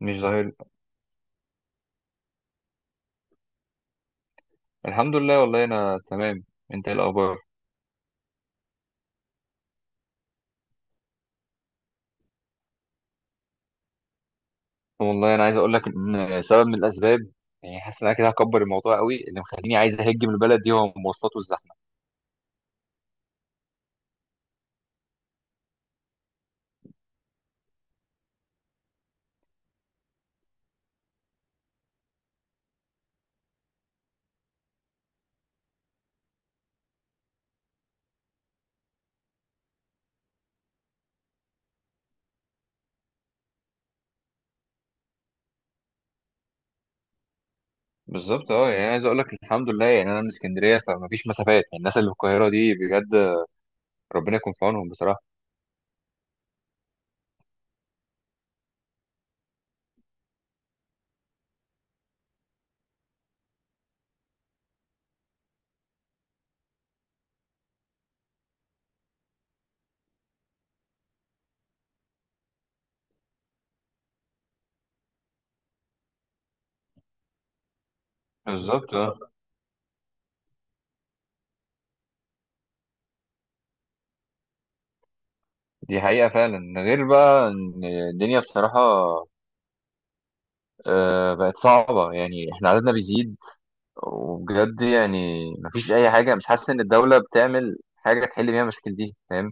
مش ظاهر. الحمد لله، والله انا تمام. انت ايه الاخبار؟ والله انا عايز اقول لك ان سبب من الاسباب، يعني حاسس ان انا كده هكبر الموضوع قوي، اللي مخليني عايز اهج من البلد دي هو المواصلات والزحمه. بالظبط اه. يعني عايز اقول لك الحمد لله، يعني انا من اسكندريه فمفيش مسافات، يعني الناس اللي في القاهره دي بجد ربنا يكون في عونهم بصراحه. بالظبط اه. دي حقيقه فعلا، غير بقى ان الدنيا بصراحه، بقت صعبه، يعني احنا عددنا بيزيد، وبجد يعني مفيش اي حاجه، مش حاسس ان الدوله بتعمل حاجه تحل بيها المشاكل دي، فاهم.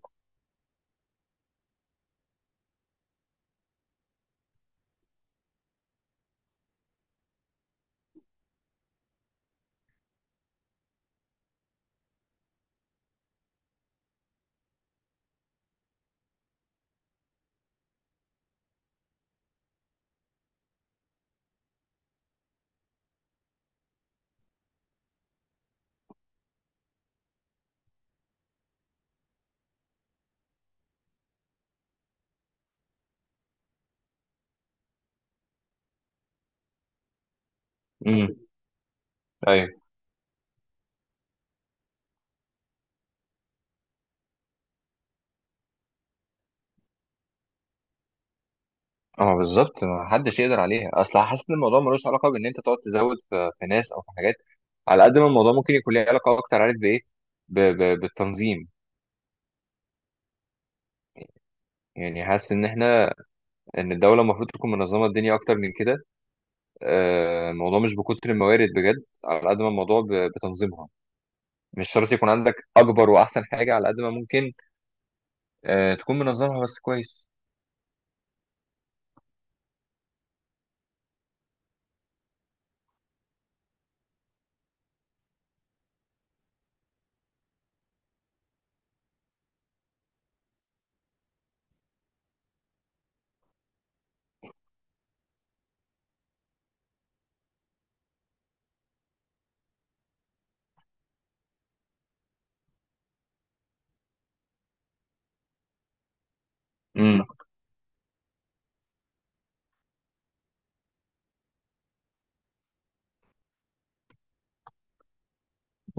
امم. ايوه. اه، بالظبط. ما حدش يقدر عليها، اصل حاسس ان الموضوع ملوش علاقه بان انت تقعد تزود في ناس او في حاجات. على قد ما الموضوع ممكن يكون ليه علاقه اكتر، عارف بايه؟ بالتنظيم. يعني حاسس ان احنا ان الدوله المفروض تكون منظمه الدنيا اكتر من كده. الموضوع مش بكتر الموارد بجد، على قد ما الموضوع بتنظيمها. مش شرط يكون عندك اكبر واحسن حاجه، على قد ما ممكن تكون منظمها بس كويس. مم.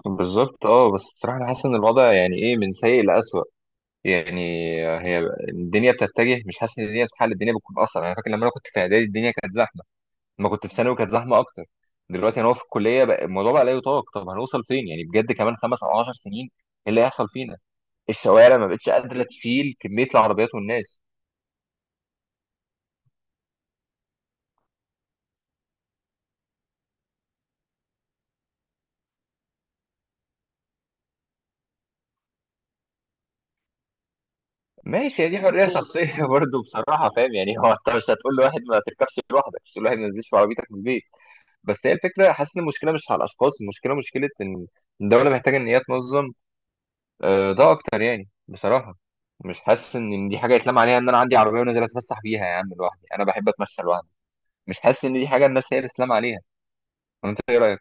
بالظبط اه، بس بصراحة أنا حاسس إن الوضع يعني إيه، من سيء لأسوأ. يعني هي الدنيا بتتجه، مش حاسس إن الدنيا بتتحل، الدنيا بتكون أصعب. أنا فاكر لما أنا كنت في إعدادي الدنيا كانت زحمة، لما كنت في ثانوي كانت زحمة أكتر، دلوقتي أنا هو في الكلية بقى الموضوع بقى لا يطاق. طب هنوصل فين يعني بجد كمان 5 أو 10 سنين؟ إيه اللي هيحصل فينا؟ الشوارع ما بقتش قادرة تشيل كمية العربيات والناس. ماشي، هي دي حرية شخصية برضه بصراحة فاهم، يعني هو أنت مش هتقول لواحد ما تركبش لوحدك، مش هتقول لواحد ما تنزلش في عربيتك من البيت. بس هي الفكره حاسس ان المشكله مش على الاشخاص، المشكله مشكله ان الدوله محتاجه ان هي تنظم ده اكتر يعني بصراحه. مش حاسس ان دي حاجه يتلام عليها ان انا عندي عربيه ونازل اتفسح بيها يا عم لوحدي، انا بحب اتمشى لوحدي. مش حاسس ان دي حاجه الناس هي اللي تتلام عليها. انت ايه رايك؟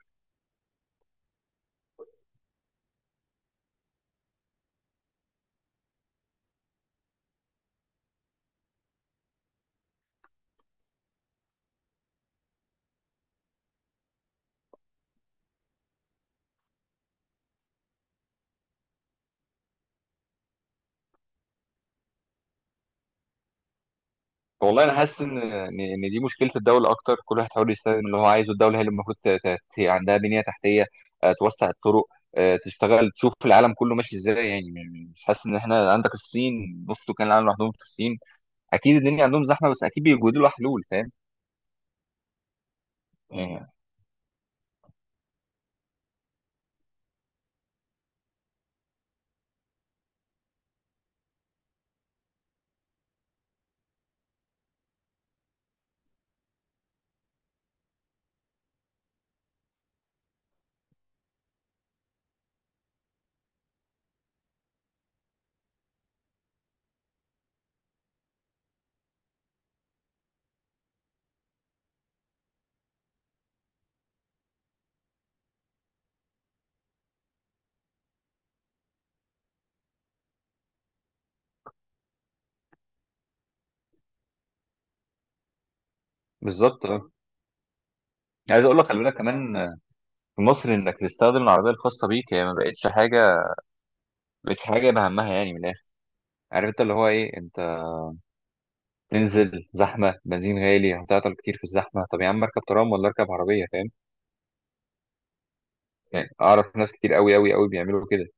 والله انا حاسس ان ان إن دي مشكله الدوله اكتر. كل واحد حاول يستخدم اللي هو عايزه، الدوله هي اللي المفروض عندها بنيه تحتيه، توسع الطرق، تشتغل تشوف العالم كله ماشي ازاي. يعني مش حاسس ان احنا عندك الصين نص سكان العالم لوحدهم في الصين، اكيد الدنيا عندهم زحمه بس اكيد بيوجدوا لها حلول، فاهم يعني. بالظبط اه. عايز اقول لك خلي بالك كمان، في مصر انك تستخدم العربيه الخاصه بيك هي ما بقتش حاجه، ما بقتش حاجه بهمها يعني من الاخر، عارف انت اللي هو ايه، انت تنزل زحمه، بنزين غالي، هتعطل كتير في الزحمه، طب يا عم اركب ترام ولا اركب عربيه، فاهم يعني. اعرف ناس كتير قوي قوي قوي بيعملوا كده.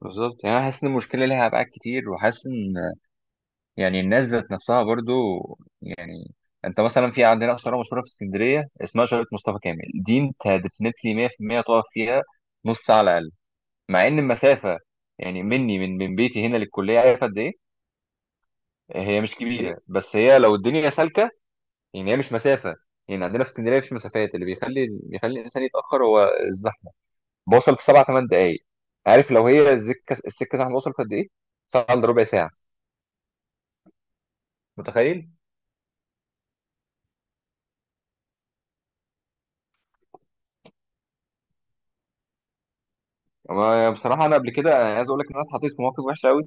بالظبط. يعني انا حاسس ان المشكله ليها ابعاد كتير، وحاسس ان يعني الناس ذات نفسها برضو. يعني انت مثلا في عندنا شارع مشهوره في اسكندريه اسمها شارع مصطفى كامل، دي انت ديفنتلي 100% تقف فيها نص ساعه على الاقل، مع ان المسافه يعني مني، من بيتي هنا للكليه، عارف قد ايه؟ هي مش كبيره، بس هي لو الدنيا سالكه يعني هي مش مسافه. يعني عندنا في اسكندريه مفيش مسافات، اللي بيخلي الانسان يتاخر هو الزحمه، بوصل في 7 8 دقائق. عارف لو هي السكه زحمه وصلت قد ايه؟ ساعه الا ربع ساعه. متخيل؟ أنا بصراحة أنا قبل كده أنا عايز أقول لك إن أنا اتحطيت في موقف وحش أوي،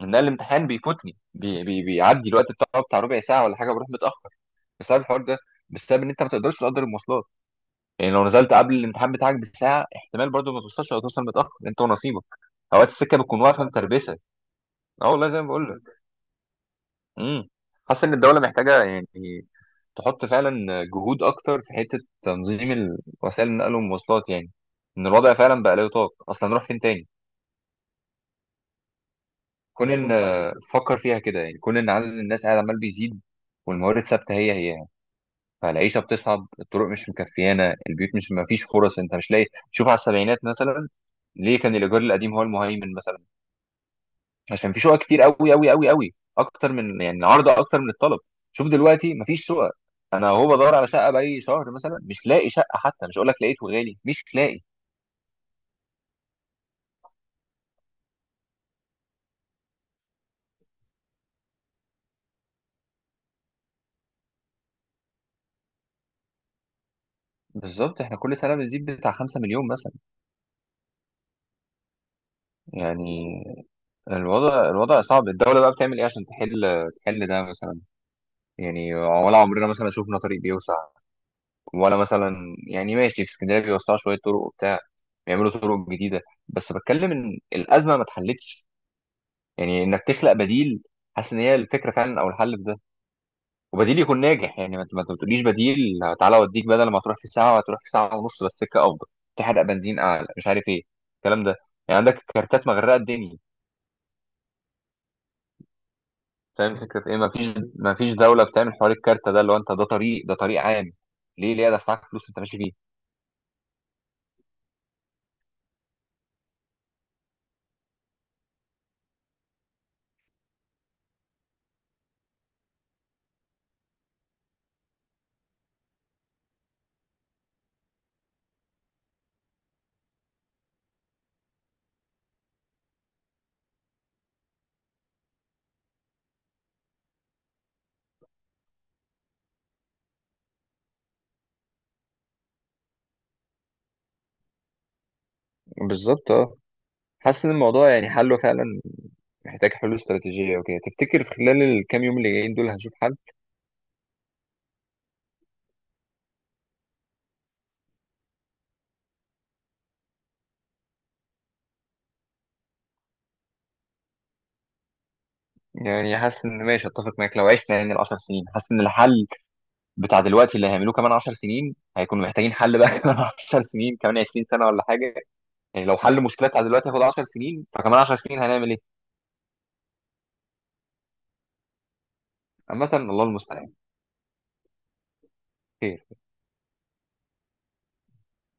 إن أنا الامتحان بيفوتني، بي بي بيعدي الوقت بتاعه بتاع ربع ساعة ولا حاجة، بروح متأخر بسبب الحوار ده، بسبب إن أنت ما تقدرش تقدر المواصلات. يعني لو نزلت قبل الامتحان بتاعك بساعة احتمال برضه ما توصلش أو توصل متأخر أنت ونصيبك. أوقات السكة بتكون واقفة متربسة. أه والله زي ما بقول لك. امم. حاسس إن الدولة محتاجة يعني تحط فعلا جهود أكتر في حتة تنظيم وسائل النقل والمواصلات، يعني إن الوضع فعلا بقى لا يطاق، أصلا نروح فين تاني؟ كون ان فكر فيها كده يعني، كون ان عدد الناس قاعد عمال بيزيد والموارد ثابته هي هي، فالعيشه بتصعب، الطرق مش مكفيانه، البيوت مش ما فيش فرص، انت مش لاقي. شوف على السبعينات مثلا ليه كان الايجار القديم هو المهيمن مثلا، عشان في شقق كتير قوي قوي قوي قوي اكتر من يعني العرض اكتر من الطلب. شوف دلوقتي ما فيش شقق، انا هو بدور على شقه باي شهر مثلا مش لاقي شقه، حتى مش هقول لك لقيت وغالي، مش لاقي. بالظبط. احنا كل سنه بنزيد بتاع 5 مليون مثلا، يعني الوضع صعب، الدولة بقى بتعمل ايه عشان تحل ده مثلا، يعني ولا عمرنا مثلا شفنا طريق بيوسع، ولا مثلا يعني ماشي في اسكندرية بيوسعوا شوية طرق وبتاع، بيعملوا طرق جديدة، بس بتكلم ان الأزمة ما اتحلتش. يعني انك تخلق بديل، حاسس ان هي الفكرة فعلا او الحل في ده، وبديل يكون ناجح. يعني ما تقوليش بديل تعالى اوديك بدل ما تروح في ساعة هتروح في ساعة ونص بس سكة افضل، تحرق بنزين اعلى، مش عارف ايه الكلام ده. يعني عندك كارتات مغرقة الدنيا، فاهم فكرة ايه؟ مفيش، مفيش دولة بتعمل حوار الكارتة ده اللي هو انت ده طريق، ده طريق عام، ليه ليه ادفعك فلوس انت ماشي فيه. بالظبط اه. حاسس ان الموضوع يعني حله فعلا محتاج حلول استراتيجية وكده. تفتكر في خلال الكام يوم اللي جايين دول هنشوف حل؟ يعني حاسس ان ماشي اتفق معاك لو عشنا يعني ال 10 سنين، حاسس ان الحل بتاع دلوقتي اللي هيعملوه كمان 10 سنين هيكونوا محتاجين حل بقى كمان 10 سنين، كمان 20 سنة ولا حاجة. يعني لو حل المشكلة بتاع دلوقتي هياخد 10 سنين، فكمان 10 سنين هنعمل ايه؟ عامة الله المستعان. خير.